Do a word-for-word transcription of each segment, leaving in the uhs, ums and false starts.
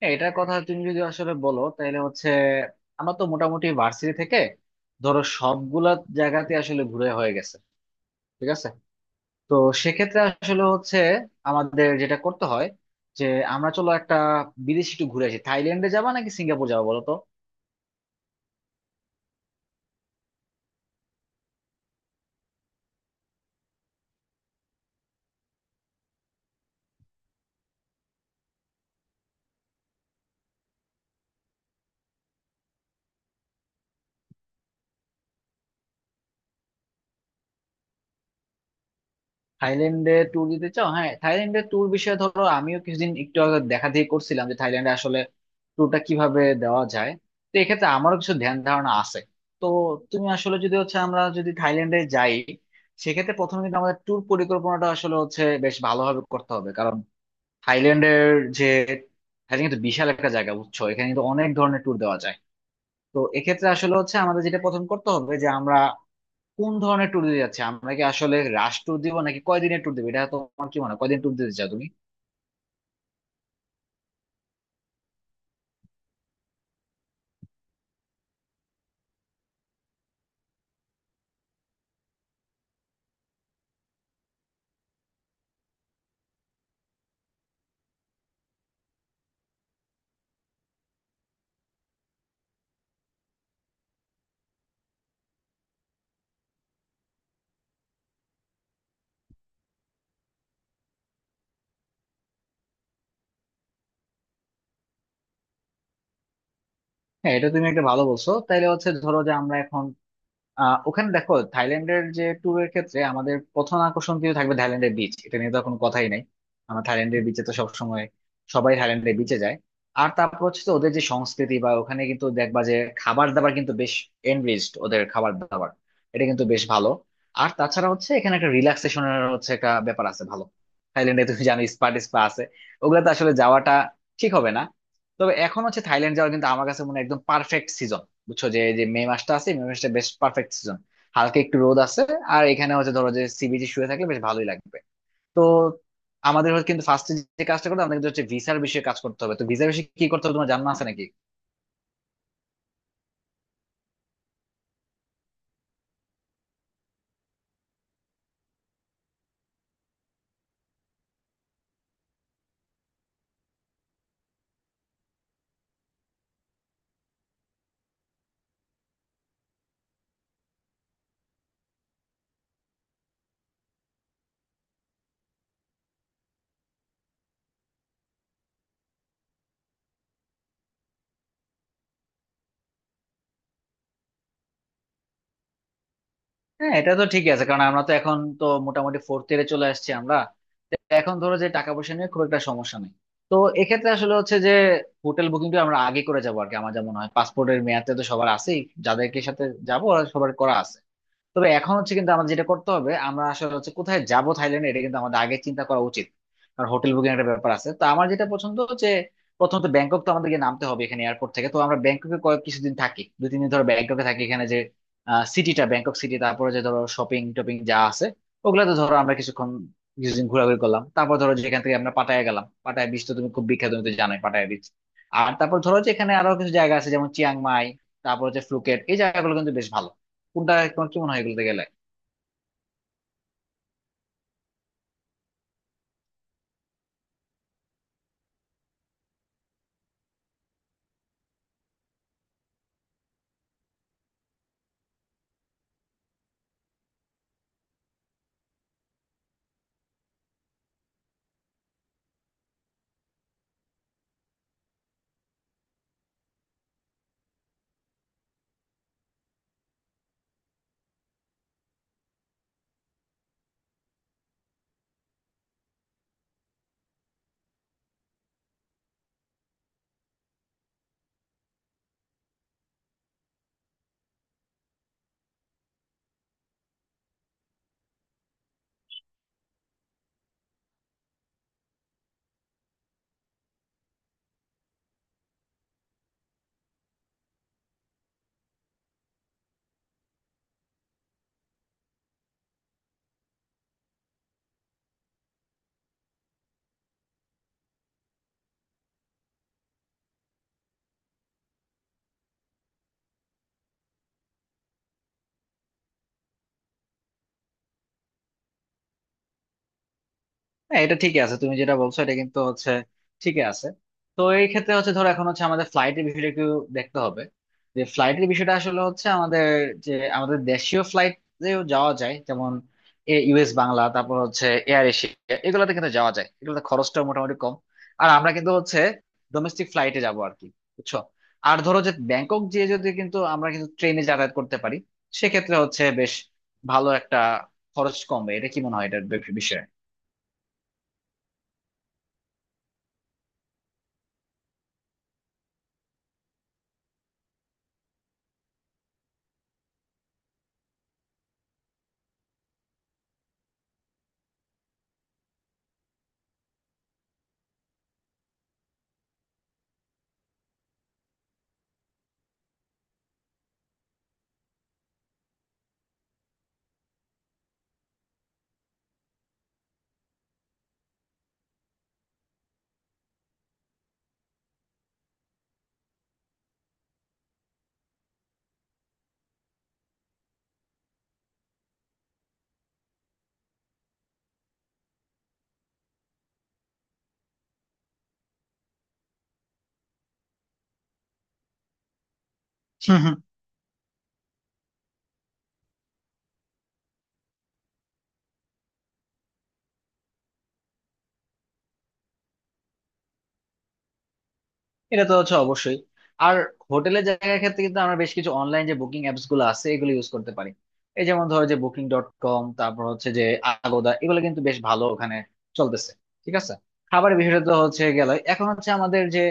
হ্যাঁ, এটার কথা তুমি যদি আসলে বলো তাহলে হচ্ছে আমরা তো মোটামুটি ভার্সিটি থেকে ধরো সবগুলা জায়গাতে আসলে ঘুরে হয়ে গেছে। ঠিক আছে। তো সেক্ষেত্রে আসলে হচ্ছে আমাদের যেটা করতে হয় যে আমরা চলো একটা বিদেশে একটু ঘুরে আসি, থাইল্যান্ডে যাবা নাকি সিঙ্গাপুর যাবো বলো তো। থাইল্যান্ডে ট্যুর দিতে চাও? হ্যাঁ, থাইল্যান্ডে ট্যুর বিষয়ে ধরো আমিও কিছুদিন একটু আগে দেখা দেখি করছিলাম যে থাইল্যান্ডে আসলে ট্যুরটা কিভাবে দেওয়া যায়। তো এক্ষেত্রে আমারও কিছু ধ্যান ধারণা আছে। তো তুমি আসলে যদি হচ্ছে আমরা যদি থাইল্যান্ডে যাই সেক্ষেত্রে প্রথমে কিন্তু আমাদের ট্যুর পরিকল্পনাটা আসলে হচ্ছে বেশ ভালোভাবে করতে হবে, কারণ থাইল্যান্ডের যে থাইল্যান্ড কিন্তু বিশাল একটা জায়গা, বুঝছো? এখানে কিন্তু অনেক ধরনের ট্যুর দেওয়া যায়। তো এক্ষেত্রে আসলে হচ্ছে আমাদের যেটা প্রথম করতে হবে যে আমরা কোন ধরনের ট্যুর দিতে যাচ্ছে, আমরা কি আসলে রাশ ট্যুর দিব নাকি কয়দিনের ট্যুর দিব, এটা তোমার কি মনে হয়? কয়দিন ট্যুর দিতে চাও তুমি? হ্যাঁ, এটা তুমি একটা ভালো বলছো। তাইলে হচ্ছে ধরো যে আমরা এখন আহ ওখানে দেখো থাইল্যান্ডের যে ট্যুরের ক্ষেত্রে আমাদের প্রথম আকর্ষণ কিন্তু থাকবে থাইল্যান্ডের বিচ, এটা নিয়ে তো কোনো কথাই নাই। আমরা থাইল্যান্ডের বিচে তো সবসময় সবাই থাইল্যান্ডের বিচে যায়। আর তারপর হচ্ছে তো ওদের যে সংস্কৃতি বা ওখানে কিন্তু দেখবা যে খাবার দাবার কিন্তু বেশ এনরিচড, ওদের খাবার দাবার এটা কিন্তু বেশ ভালো। আর তাছাড়া হচ্ছে এখানে একটা রিল্যাক্সেশনের হচ্ছে একটা ব্যাপার আছে ভালো। থাইল্যান্ডে তুমি জানো স্পা টিস্পা আছে, ওগুলোতে আসলে যাওয়াটা ঠিক হবে না। তবে এখন হচ্ছে থাইল্যান্ড যাওয়ার কিন্তু আমার কাছে মনে হয় একদম পারফেক্ট সিজন। বুঝছো যে এই যে মে মাসটা আছে, মে মাসটা বেশ পারফেক্ট সিজন, হালকা একটু রোদ আছে। আর এখানে হচ্ছে ধরো যে সি বিচে শুয়ে থাকলে বেশ ভালোই লাগবে। তো আমাদের হচ্ছে কিন্তু ফার্স্টে যে কাজটা করতে হবে আমাদের কিন্তু হচ্ছে ভিসার বিষয়ে কাজ করতে হবে। তো ভিসার বিষয়ে কি করতে হবে তোমার জানা আছে নাকি? হ্যাঁ, এটা তো ঠিক আছে, কারণ আমরা তো এখন তো মোটামুটি ফোর্থ ইয়ারে চলে আসছি আমরা। তো এখন ধরো যে টাকা পয়সা নিয়ে খুব একটা সমস্যা নেই। তো এক্ষেত্রে আসলে হচ্ছে যে হোটেল বুকিংটা আমরা আগে করে যাবো আর কি। আমার যেমন হয় পাসপোর্টের মেয়াদটা তো সবার আছেই, যাদেরকে সাথে যাবো ওরা সবার করা আছে। তবে এখন হচ্ছে কিন্তু আমাদের যেটা করতে হবে আমরা আসলে হচ্ছে কোথায় যাব থাইল্যান্ডে, এটা কিন্তু আমাদের আগে চিন্তা করা উচিত, কারণ হোটেল বুকিং একটা ব্যাপার আছে। তো আমার যেটা পছন্দ যে প্রথমত ব্যাংকক তো আমাদেরকে নামতে হবে, এখানে এয়ারপোর্ট থেকে তো আমরা ব্যাংককে কয়েক কিছুদিন থাকি, দুই তিন দিন ধরে ব্যাংককে থাকি, এখানে যে সিটিটা ব্যাংকক সিটি, তারপরে যে ধরো শপিং টপিং যা আছে ওগুলাতে ধরো আমরা কিছুক্ষণ কিছুদিন ঘোরাঘুরি করলাম। তারপর ধরো যেখান থেকে আমরা পাটায়া গেলাম, পাটায়া বিচ তো তুমি খুব বিখ্যাত, তুমি তো জানোই পাটায়া বিচ। আর তারপর ধরো যে এখানে আরো কিছু জায়গা আছে যেমন চিয়াং মাই, তারপর হচ্ছে ফুকেট, এই জায়গাগুলো কিন্তু বেশ ভালো। কোনটা তোমার কি মনে হয় এগুলোতে গেলে? হ্যাঁ, এটা ঠিকই আছে, তুমি যেটা বলছো এটা কিন্তু হচ্ছে ঠিকই আছে। তো এই ক্ষেত্রে হচ্ছে ধরো এখন হচ্ছে আমাদের ফ্লাইটের বিষয়টা একটু দেখতে হবে। যে ফ্লাইটের বিষয়টা আসলে হচ্ছে আমাদের যে আমাদের দেশীয় ফ্লাইটেও যাওয়া যায় যেমন ইউএস বাংলা, তারপর হচ্ছে এয়ার এশিয়া, এগুলোতে কিন্তু যাওয়া যায়, এগুলোতে খরচটা মোটামুটি কম। আর আমরা কিন্তু হচ্ছে ডোমেস্টিক ফ্লাইটে যাবো আর কি, বুঝছো। আর ধরো যে ব্যাংকক যেয়ে যদি কিন্তু আমরা কিন্তু ট্রেনে যাতায়াত করতে পারি সেক্ষেত্রে হচ্ছে বেশ ভালো একটা খরচ কমবে, এটা কি মনে হয় এটার বিষয়ে? এটা তো হচ্ছে অবশ্যই। আর হোটেলের জায়গার ক্ষেত্রে কিন্তু আমরা বেশ কিছু অনলাইন যে বুকিং অ্যাপস গুলো আছে এগুলো ইউজ করতে পারি। এই যেমন ধরো যে বুকিং ডট কম, তারপর হচ্ছে যে আগোদা, এগুলো কিন্তু বেশ ভালো ওখানে চলতেছে। ঠিক আছে। খাবারের বিষয়টা তো হচ্ছে গেল, এখন হচ্ছে আমাদের যে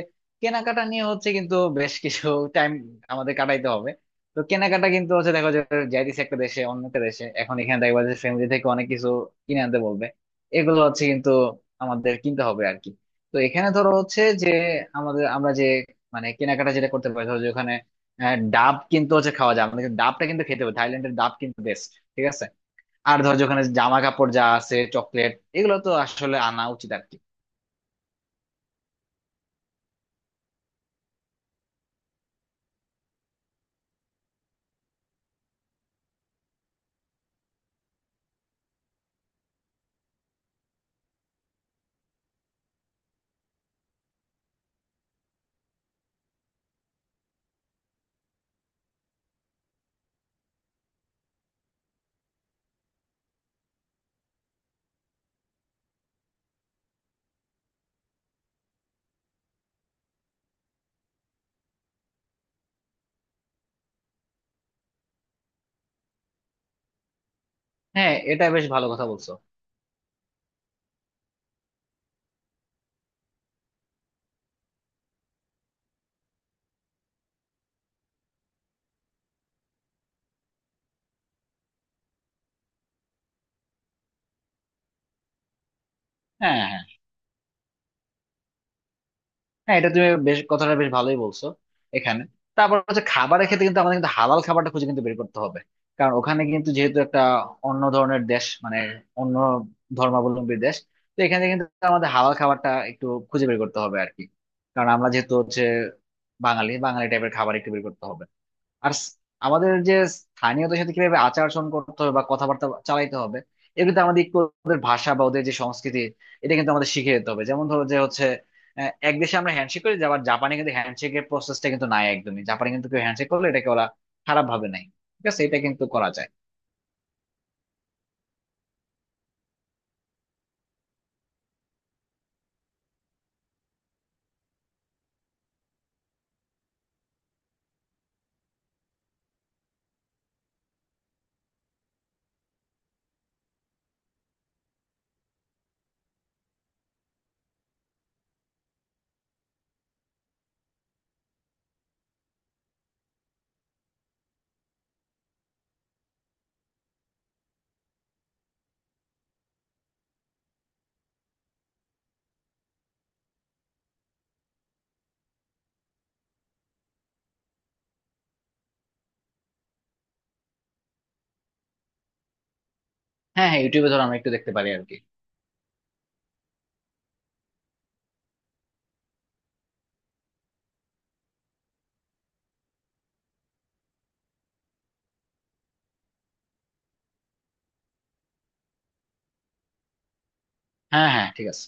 কেনাকাটা নিয়ে হচ্ছে কিন্তু বেশ কিছু টাইম আমাদের কাটাইতে হবে। তো কেনাকাটা কিন্তু হচ্ছে, দেখো যে যাইতেছে একটা দেশে অন্য একটা দেশে, এখন এখানে দেখবা যে ফ্যামিলি থেকে অনেক কিছু কিনে আনতে বলবে, এগুলো হচ্ছে কিন্তু আমাদের কিনতে হবে আর কি। তো এখানে ধরো হচ্ছে যে আমাদের আমরা যে মানে কেনাকাটা যেটা করতে পারি ধরো যে ওখানে আহ, ডাব কিন্তু হচ্ছে খাওয়া যায়, আমাদের ডাবটা কিন্তু খেতে হবে, থাইল্যান্ডের ডাব কিন্তু বেস্ট। ঠিক আছে। আর ধরো যে ওখানে জামা কাপড় যা আছে, চকলেট, এগুলো তো আসলে আনা উচিত আর কি। হ্যাঁ, এটা বেশ ভালো কথা বলছো। হ্যাঁ হ্যাঁ, এটা তুমি বেশ কথাটা বেশ ভালোই বলছো এখানে। তারপর হচ্ছে খাবারের ক্ষেত্রে কিন্তু আমাদের কিন্তু হালাল খাবারটা খুঁজে কিন্তু বের করতে হবে, কারণ ওখানে কিন্তু যেহেতু একটা অন্য ধরনের দেশ মানে অন্য ধর্মাবলম্বী দেশ। তো এখানে কিন্তু আমাদের হালাল খাবারটা একটু খুঁজে বের করতে হবে আর কি, কারণ আমরা যেহেতু হচ্ছে বাঙালি, বাঙালি টাইপের খাবার একটু বের করতে হবে। আর স- আমাদের যে স্থানীয়দের সাথে কিভাবে আচার আচরণ করতে হবে বা কথাবার্তা চালাইতে হবে, এটা কিন্তু আমাদের একটু ওদের ভাষা বা ওদের যে সংস্কৃতি এটা কিন্তু আমাদের শিখে যেতে হবে। যেমন ধরো যে হচ্ছে আহ, এক দেশে আমরা হ্যান্ডশেক করি, আবার জাপানে কিন্তু হ্যান্ডশেকের প্রসেসটা কিন্তু নাই একদমই, জাপানে কিন্তু কেউ হ্যান্ডশেক করলে এটাকে ওরা খারাপ ভাবে নাই। ঠিক আছে, এটা কিন্তু করা যায়। হ্যাঁ হ্যাঁ, ইউটিউবে ধরো আমরা একটু দেখতে পারি আর কি। হ্যাঁ হ্যাঁ, ঠিক আছে।